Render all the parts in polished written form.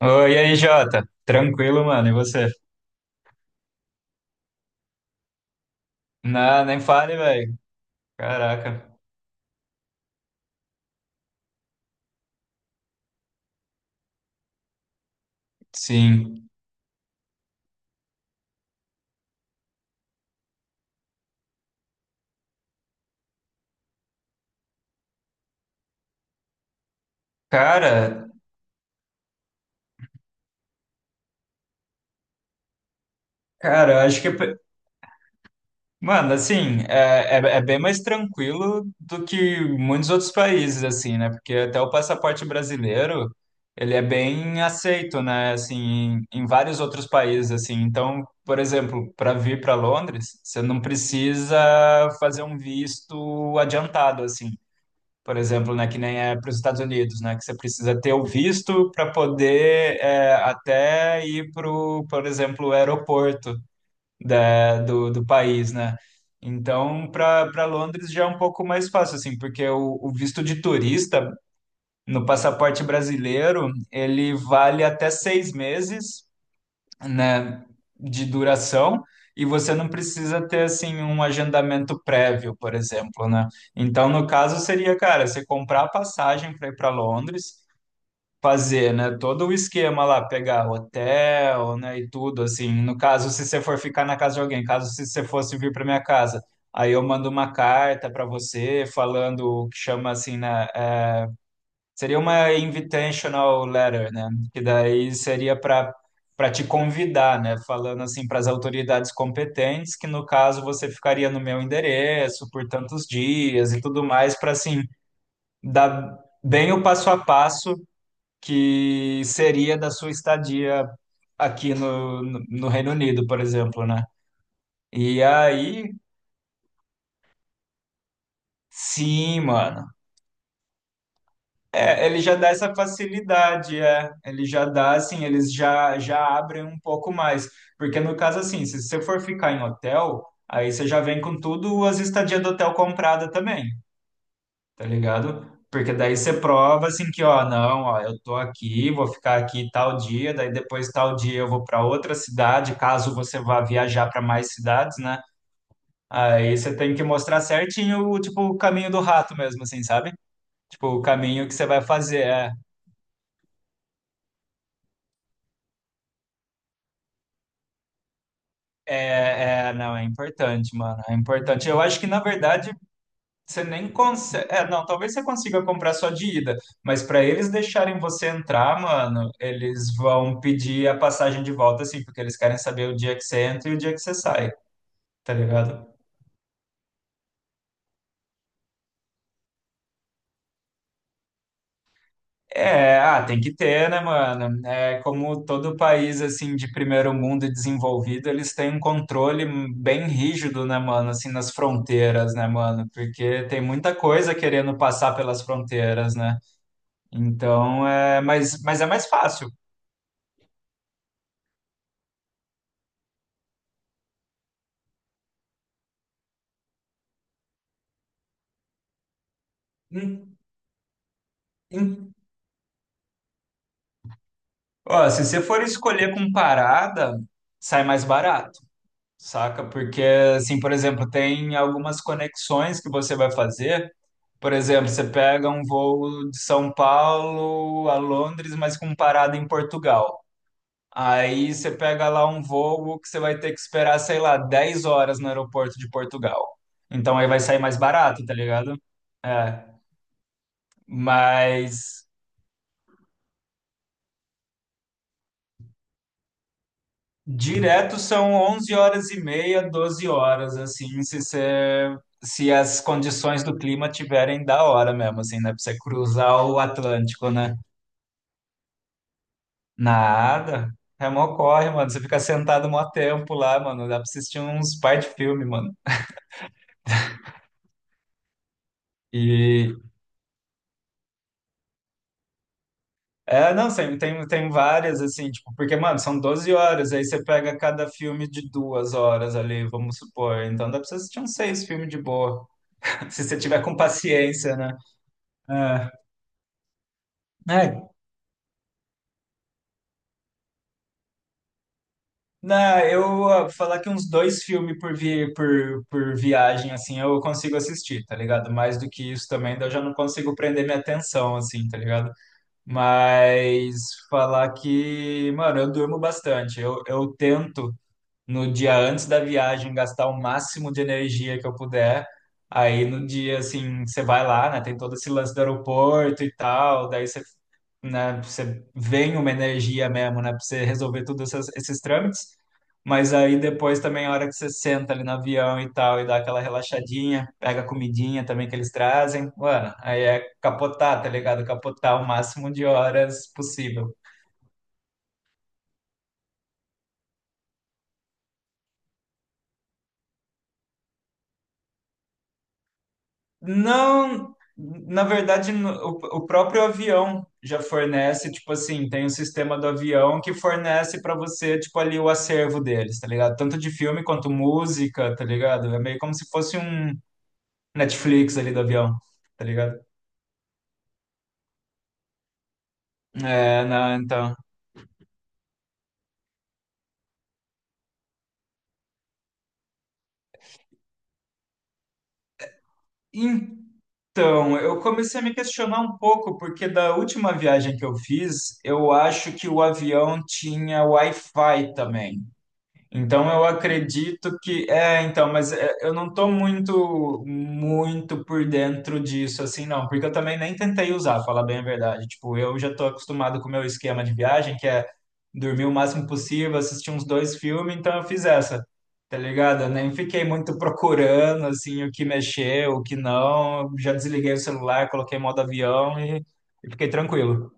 Oi, e aí, Jota? Tranquilo, mano? E você? Não, nem fale, velho. Caraca. Sim. Cara, cara, eu acho que. Mano, assim, é bem mais tranquilo do que muitos outros países, assim, né? Porque até o passaporte brasileiro, ele é bem aceito, né? Assim, em vários outros países, assim. Então, por exemplo, para vir para Londres, você não precisa fazer um visto adiantado, assim. Por exemplo, né, que nem é para os Estados Unidos, né, que você precisa ter o visto para poder até ir para, por exemplo, o aeroporto da, do país, né? Então, para Londres já é um pouco mais fácil, assim, porque o visto de turista no passaporte brasileiro, ele vale até 6 meses, né, de duração, e você não precisa ter assim um agendamento prévio, por exemplo, né? Então, no caso seria, cara, você comprar a passagem para ir para Londres, fazer, né, todo o esquema lá, pegar hotel, né, e tudo assim. No caso, se você for ficar na casa de alguém, caso se você fosse vir para minha casa, aí eu mando uma carta para você falando o que chama assim, né. Seria uma invitational letter, né? Que daí seria para te convidar, né? Falando assim para as autoridades competentes, que no caso você ficaria no meu endereço por tantos dias e tudo mais, para assim dar bem o passo a passo que seria da sua estadia aqui no, no Reino Unido, por exemplo, né? E aí, sim, mano. É, ele já dá essa facilidade, é. Ele já dá, assim, eles já abrem um pouco mais. Porque no caso, assim, se você for ficar em hotel, aí você já vem com tudo as estadias do hotel comprada também, tá ligado? Porque daí você prova, assim, que, ó, não, ó, eu tô aqui, vou ficar aqui tal dia, daí depois tal dia eu vou para outra cidade, caso você vá viajar para mais cidades, né? Aí você tem que mostrar certinho, tipo, o caminho do rato mesmo, assim, sabe? Tipo, o caminho que você vai fazer. É, é, não, é importante, mano. É importante. Eu acho que, na verdade, você nem consegue. É, não, talvez você consiga comprar só de ida, mas para eles deixarem você entrar, mano, eles vão pedir a passagem de volta, assim, porque eles querem saber o dia que você entra e o dia que você sai, tá ligado? É, tem que ter, né, mano? É, como todo país, assim, de primeiro mundo e desenvolvido, eles têm um controle bem rígido, né, mano? Assim, nas fronteiras, né, mano? Porque tem muita coisa querendo passar pelas fronteiras, né? Então, é... Mas, é mais fácil. Hum, hum. Ó, se você for escolher com parada, sai mais barato, saca? Porque, assim, por exemplo, tem algumas conexões que você vai fazer. Por exemplo, você pega um voo de São Paulo a Londres, mas com parada em Portugal. Aí você pega lá um voo que você vai ter que esperar, sei lá, 10 horas no aeroporto de Portugal. Então aí vai sair mais barato, tá ligado? É, mas direto são 11 horas e meia, 12 horas, assim, se as condições do clima tiverem da hora mesmo, assim, né? Pra você cruzar o Atlântico, né? Nada. É mó corre, mano. Você fica sentado mó tempo lá, mano. Dá pra assistir uns par de filme, mano. E é, não, tem, tem várias, assim, tipo, porque, mano, são 12 horas, aí você pega cada filme de 2 horas ali, vamos supor. Então dá pra você assistir uns seis filmes de boa. Se você tiver com paciência, né? É. É. Não, eu falar que uns dois filmes por viagem, assim, eu consigo assistir, tá ligado? Mais do que isso também, daí eu já não consigo prender minha atenção, assim, tá ligado? Mas falar que, mano, eu durmo bastante. Eu tento no dia antes da viagem, gastar o máximo de energia que eu puder. Aí no dia, assim, você vai lá, né? Tem todo esse lance do aeroporto e tal, daí você, né, você vem uma energia mesmo, né? Pra você resolver todos esses trâmites. Mas aí depois também a hora que você senta ali no avião e tal, e dá aquela relaxadinha, pega a comidinha também que eles trazem, mano, aí é capotar, tá ligado? Capotar o máximo de horas possível. Não, na verdade, o próprio avião já fornece, tipo assim, tem um sistema do avião que fornece pra você, tipo, ali o acervo deles, tá ligado? Tanto de filme quanto música, tá ligado? É meio como se fosse um Netflix ali do avião, tá ligado? É, não, então. Então, eu comecei a me questionar um pouco, porque da última viagem que eu fiz, eu acho que o avião tinha Wi-Fi também. Então eu acredito que é, então, mas é, eu não tô muito muito por dentro disso assim, não, porque eu também nem tentei usar, falar bem a verdade. Tipo, eu já tô acostumado com o meu esquema de viagem, que é dormir o máximo possível, assistir uns dois filmes, então eu fiz essa. Tá ligado? Eu nem fiquei muito procurando assim o que mexer, o que não. Eu já desliguei o celular, coloquei modo avião e fiquei tranquilo.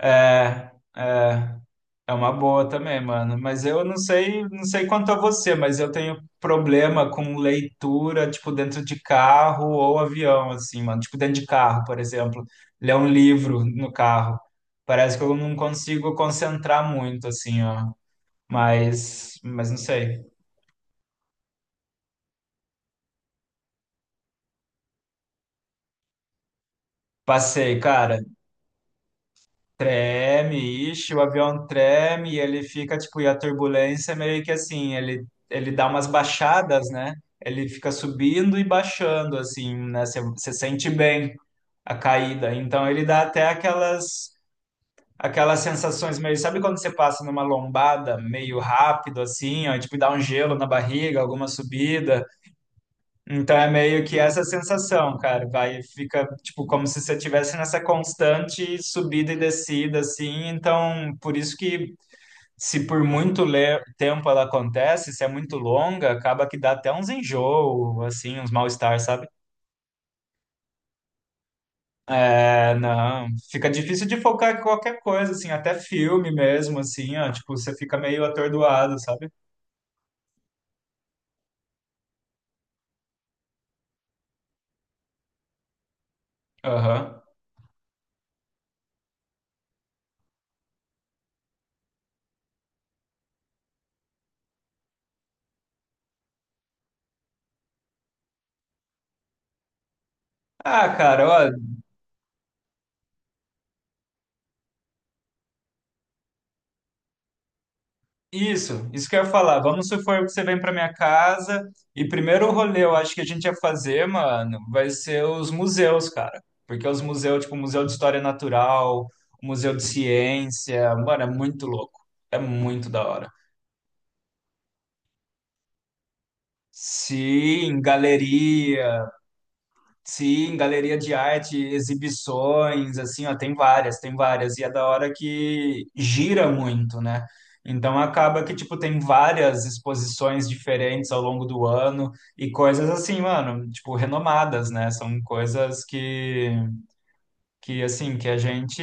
É, é, é. É uma boa também, mano. Mas eu não sei, não sei quanto a você, mas eu tenho problema com leitura, tipo, dentro de carro ou avião, assim, mano. Tipo, dentro de carro, por exemplo. Ler um livro no carro. Parece que eu não consigo concentrar muito, assim, ó. Mas, não sei. Passei, cara. Treme, ixi, o avião treme e ele fica, tipo, e a turbulência é meio que assim, ele dá umas baixadas, né? Ele fica subindo e baixando, assim, né? Você sente bem a caída. Então ele dá até aquelas sensações meio, sabe quando você passa numa lombada meio rápido, assim, ó, e, tipo, dá um gelo na barriga, alguma subida. Então é meio que essa sensação, cara, vai, fica tipo como se você estivesse nessa constante subida e descida, assim. Então, por isso que se por muito tempo ela acontece, se é muito longa, acaba que dá até uns enjoo, assim, uns mal-estar, sabe? É, não, fica difícil de focar em qualquer coisa, assim, até filme mesmo, assim, ó, tipo, você fica meio atordoado, sabe? Aham. Ah, cara. Isso que eu ia falar. Vamos supor que você vem pra minha casa, e primeiro rolê eu acho que a gente ia fazer, mano, vai ser os museus, cara. Porque os museus, tipo, o Museu de História Natural, o Museu de Ciência, mano, é muito louco. É muito da hora. Sim, galeria. Sim, galeria de arte, exibições, assim, ó, tem várias, e é da hora que gira muito, né? Então acaba que, tipo, tem várias exposições diferentes ao longo do ano e coisas assim, mano, tipo, renomadas, né? São coisas que assim que a gente,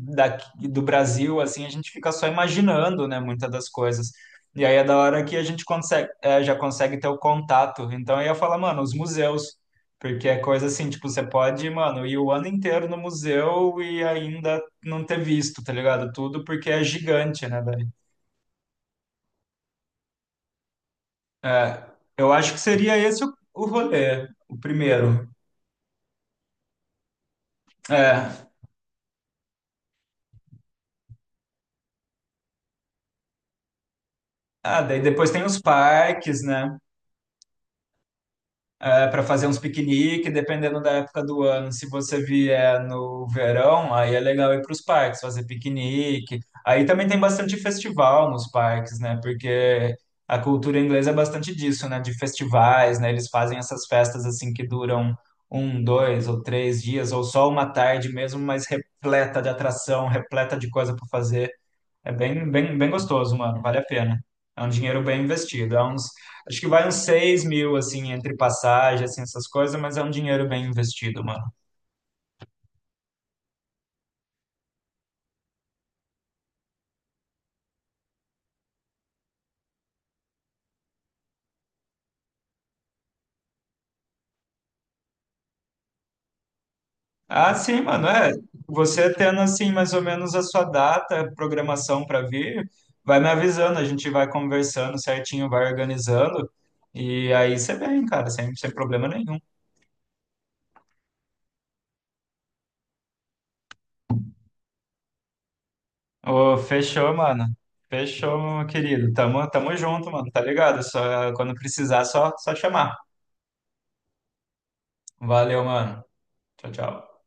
daqui do Brasil, assim, a gente fica só imaginando, né, muitas das coisas, e aí é da hora que a gente consegue, é, já consegue ter o contato. Então eu ia falar, mano, os museus, porque é coisa assim, tipo, você pode, mano, ir o ano inteiro no museu e ainda não ter visto, tá ligado, tudo, porque é gigante, né, velho. É, eu acho que seria esse o, rolê, o primeiro. É, daí depois tem os parques, né? É, para fazer uns piqueniques, dependendo da época do ano. Se você vier no verão, aí é legal ir para os parques, fazer piquenique. Aí também tem bastante festival nos parques, né? Porque a cultura inglesa é bastante disso, né? De festivais, né? Eles fazem essas festas assim que duram 1, 2 ou 3 dias, ou só uma tarde mesmo, mas repleta de atração, repleta de coisa para fazer. É bem, bem, bem gostoso, mano. Vale a pena. É um dinheiro bem investido. É uns, acho que vai uns 6 mil, assim, entre passagem, assim, essas coisas, mas é um dinheiro bem investido, mano. Ah, sim, mano, é. Você tendo, assim, mais ou menos a sua data, programação para vir, vai me avisando, a gente vai conversando certinho, vai organizando. E aí você vem, cara, sem problema nenhum. Ô, fechou, mano. Fechou, meu querido. Tamo, tamo junto, mano. Tá ligado? Só, quando precisar, só chamar. Valeu, mano. Tchau, tchau.